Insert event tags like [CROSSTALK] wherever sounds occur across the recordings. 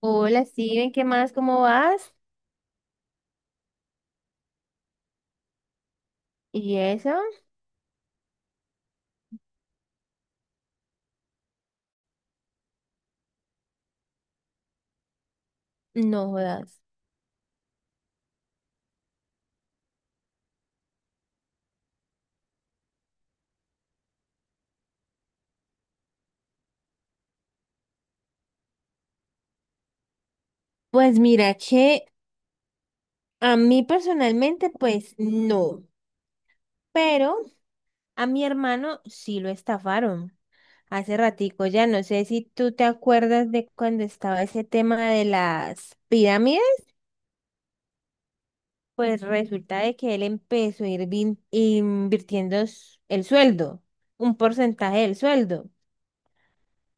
Hola, Steven, ¿qué más? ¿Cómo vas? ¿Y eso? No jodas. Pues mira que a mí personalmente, pues no, pero a mi hermano sí lo estafaron. Hace ratico ya, no sé si tú te acuerdas de cuando estaba ese tema de las pirámides, pues resulta de que él empezó a ir invirtiendo el sueldo, un porcentaje del sueldo.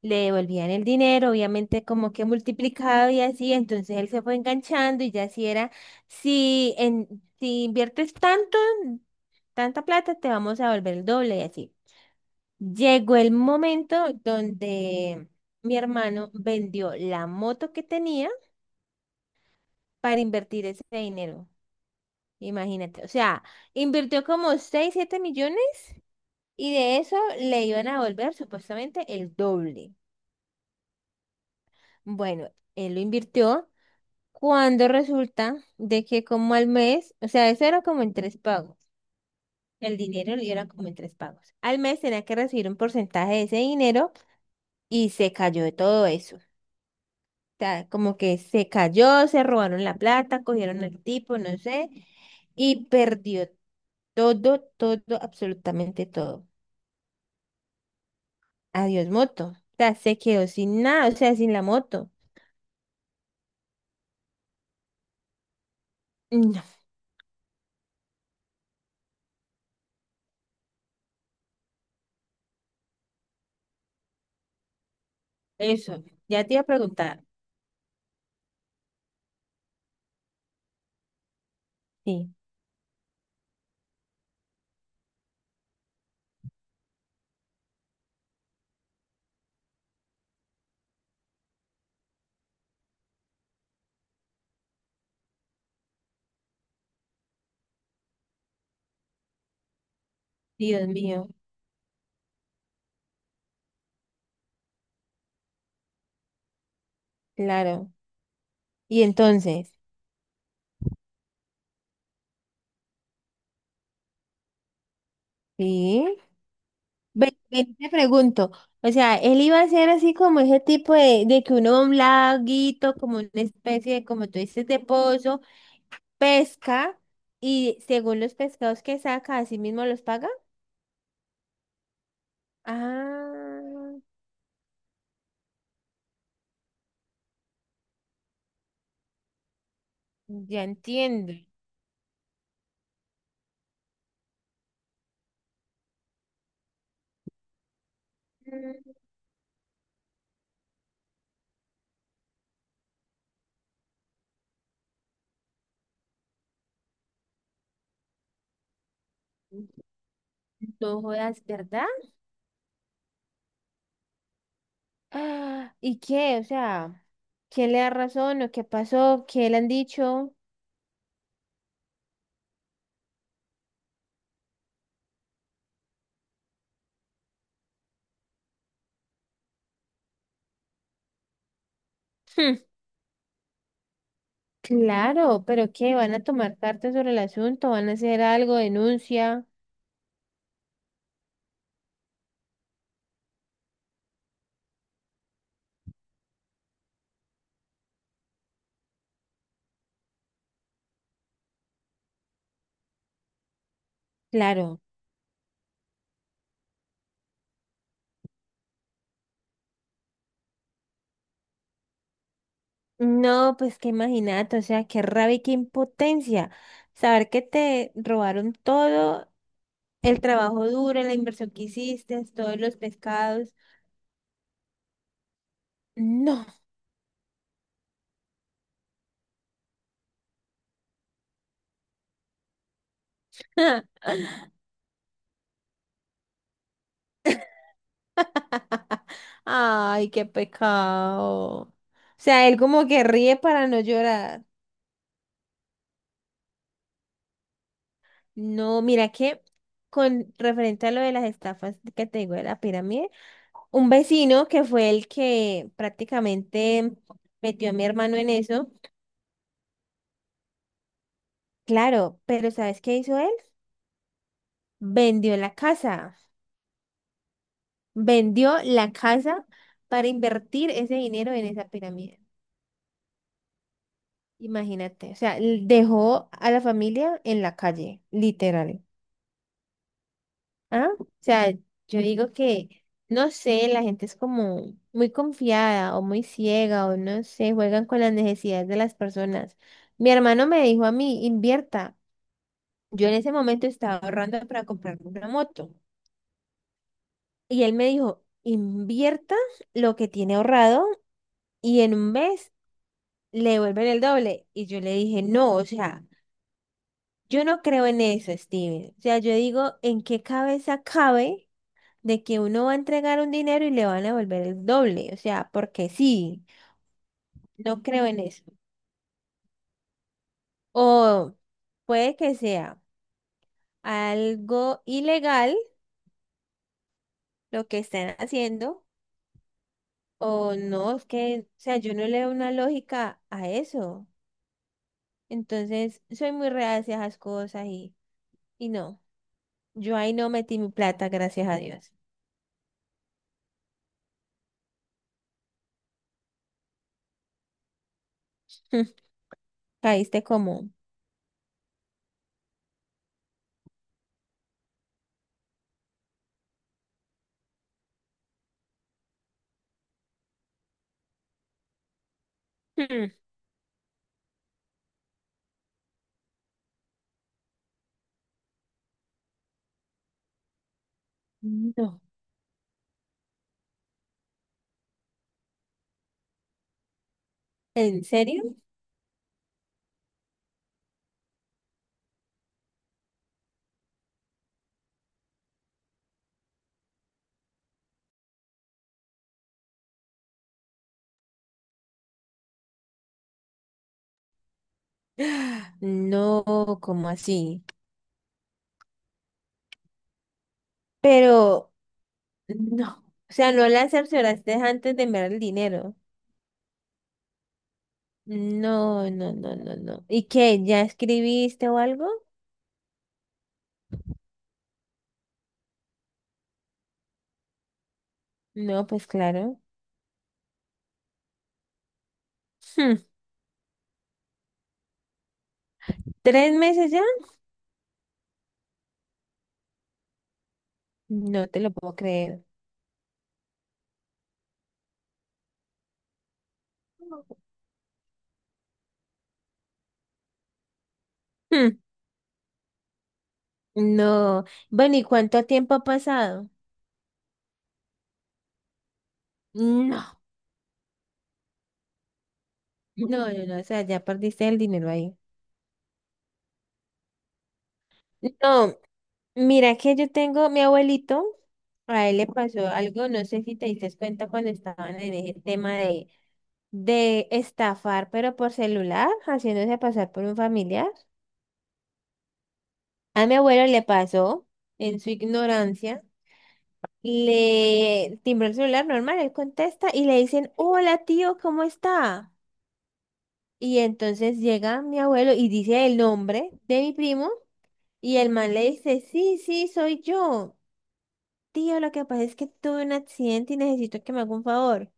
Le devolvían el dinero, obviamente como que multiplicado y así, entonces él se fue enganchando y ya así era, si, en, si inviertes tanto, tanta plata, te vamos a volver el doble y así. Llegó el momento donde mi hermano vendió la moto que tenía para invertir ese dinero. Imagínate, o sea, invirtió como 6 7 millones y de eso le iban a volver supuestamente el doble. Bueno, él lo invirtió. Cuando resulta de que como al mes, o sea, eso era como en tres pagos. El dinero le era como en tres pagos. Al mes tenía que recibir un porcentaje de ese dinero y se cayó de todo eso. O sea, como que se cayó, se robaron la plata, cogieron al tipo, no sé, y perdió todo, todo, absolutamente todo. Adiós, moto. O sea, se quedó sin nada, o sea, sin la moto. No, eso. Ya te iba a preguntar. Sí, Dios mío, claro. Y entonces, ¿sí? Ven, ven, te pregunto, o sea, él iba a ser así como ese tipo de que uno va a un laguito, como una especie de, como tú dices, de pozo, pesca, y según los pescados que saca, así mismo los paga. Ah, ya entiendo. Mm, no jodas, ¿verdad? [GASPS] Ah, ¿y qué? O sea, ¿quién le da razón o qué pasó? ¿Qué le han dicho? Hmm, claro, pero ¿qué? ¿Van a tomar [LAUGHS] cartas sobre el asunto? ¿Van a hacer algo? ¿Denuncia? Claro. No, pues que imagínate, o sea, qué rabia y qué impotencia. Saber que te robaron todo, el trabajo duro, la inversión que hiciste, todos los pescados. No. [LAUGHS] Ay, qué pecado. O sea, él como que ríe para no llorar. No, mira que con referente a lo de las estafas que te digo de la pirámide, un vecino que fue el que prácticamente metió a mi hermano en eso, claro, pero ¿sabes qué hizo él? Vendió la casa. Vendió la casa para invertir ese dinero en esa pirámide. Imagínate. O sea, dejó a la familia en la calle, literal. ¿Ah? O sea, yo digo que, no sé, la gente es como muy confiada o muy ciega o no sé, juegan con las necesidades de las personas. Mi hermano me dijo a mí, invierta. Yo en ese momento estaba ahorrando para comprarme una moto. Y él me dijo, invierta lo que tiene ahorrado y en un mes le devuelven el doble. Y yo le dije, no, o sea, yo no creo en eso, Steven. O sea, yo digo, ¿en qué cabeza cabe de que uno va a entregar un dinero y le van a devolver el doble? O sea, porque sí, no creo en eso. O puede que sea algo ilegal lo que están haciendo, o no, es que, o sea, yo no le veo una lógica a eso. Entonces, soy muy reacia a esas cosas y no. Yo ahí no metí mi plata, gracias a Dios. [LAUGHS] Caíste como... Hmm, no. ¿En serio? [GASPS] Ah, no, como así? Pero no. O sea, no la cercioraste antes de enviar el dinero. No, no, no, no, no. ¿Y qué? ¿Ya escribiste o algo? No, pues claro. Hmm, ¿3 meses ya? No te lo puedo creer. Hmm, no. Bueno, ¿y cuánto tiempo ha pasado? No, no, no, no. O sea, ya perdiste el dinero ahí. No, mira que yo tengo mi abuelito, a él le pasó algo, no sé si te diste cuenta cuando estaban en ese tema de estafar, pero por celular, haciéndose pasar por un familiar. A mi abuelo le pasó, en su ignorancia, le timbró el celular normal, él contesta y le dicen, hola tío, ¿cómo está? Y entonces llega mi abuelo y dice el nombre de mi primo y el man le dice, sí, sí, soy yo. Tío, lo que pasa es que tuve un accidente y necesito que me haga un favor.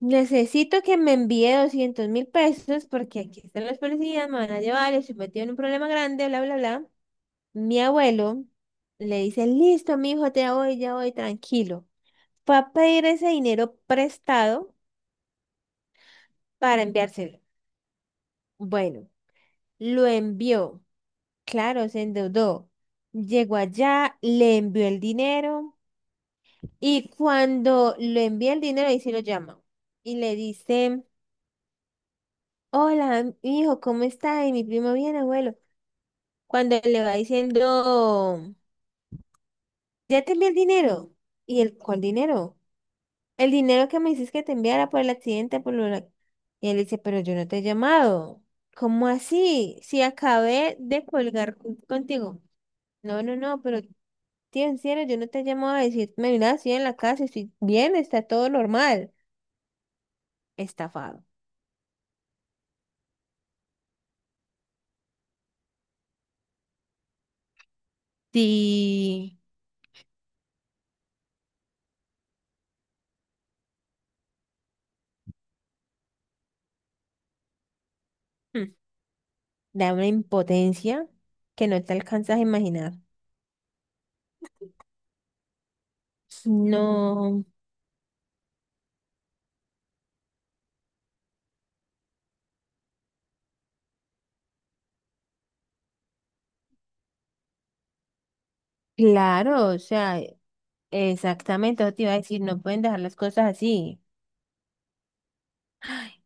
Necesito que me envíe 200.000 pesos porque aquí están los policías, me van a llevar, estoy metido en un problema grande, bla, bla, bla. Mi abuelo le dice, listo, mi hijo, te voy, ya voy, tranquilo. Fue a pedir ese dinero prestado para enviárselo. Bueno, lo envió. Claro, se endeudó. Llegó allá, le envió el dinero. Y cuando le envía el dinero, ahí sí lo llama. Y le dice, hola, hijo, ¿cómo está? Y mi primo, bien, abuelo. Cuando le va diciendo, ya te envié el dinero. ¿Y el cuál dinero? El dinero que me dices que te enviara por el accidente, por lo... Y él dice, pero yo no te he llamado. ¿Cómo así? Si acabé de colgar contigo. No, no, no, pero tío, en serio, yo no te he llamado a decirme, mira, estoy en la casa, estoy bien, está todo normal. Estafado. Sí, hmm, da una impotencia que no te alcanzas a imaginar. No, claro, o sea, exactamente, eso te iba a decir, no pueden dejar las cosas así.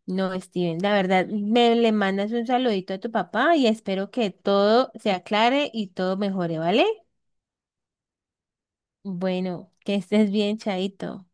No, Steven, la verdad, me le mandas un saludito a tu papá y espero que todo se aclare y todo mejore, ¿vale? Bueno, que estés bien, Chaito.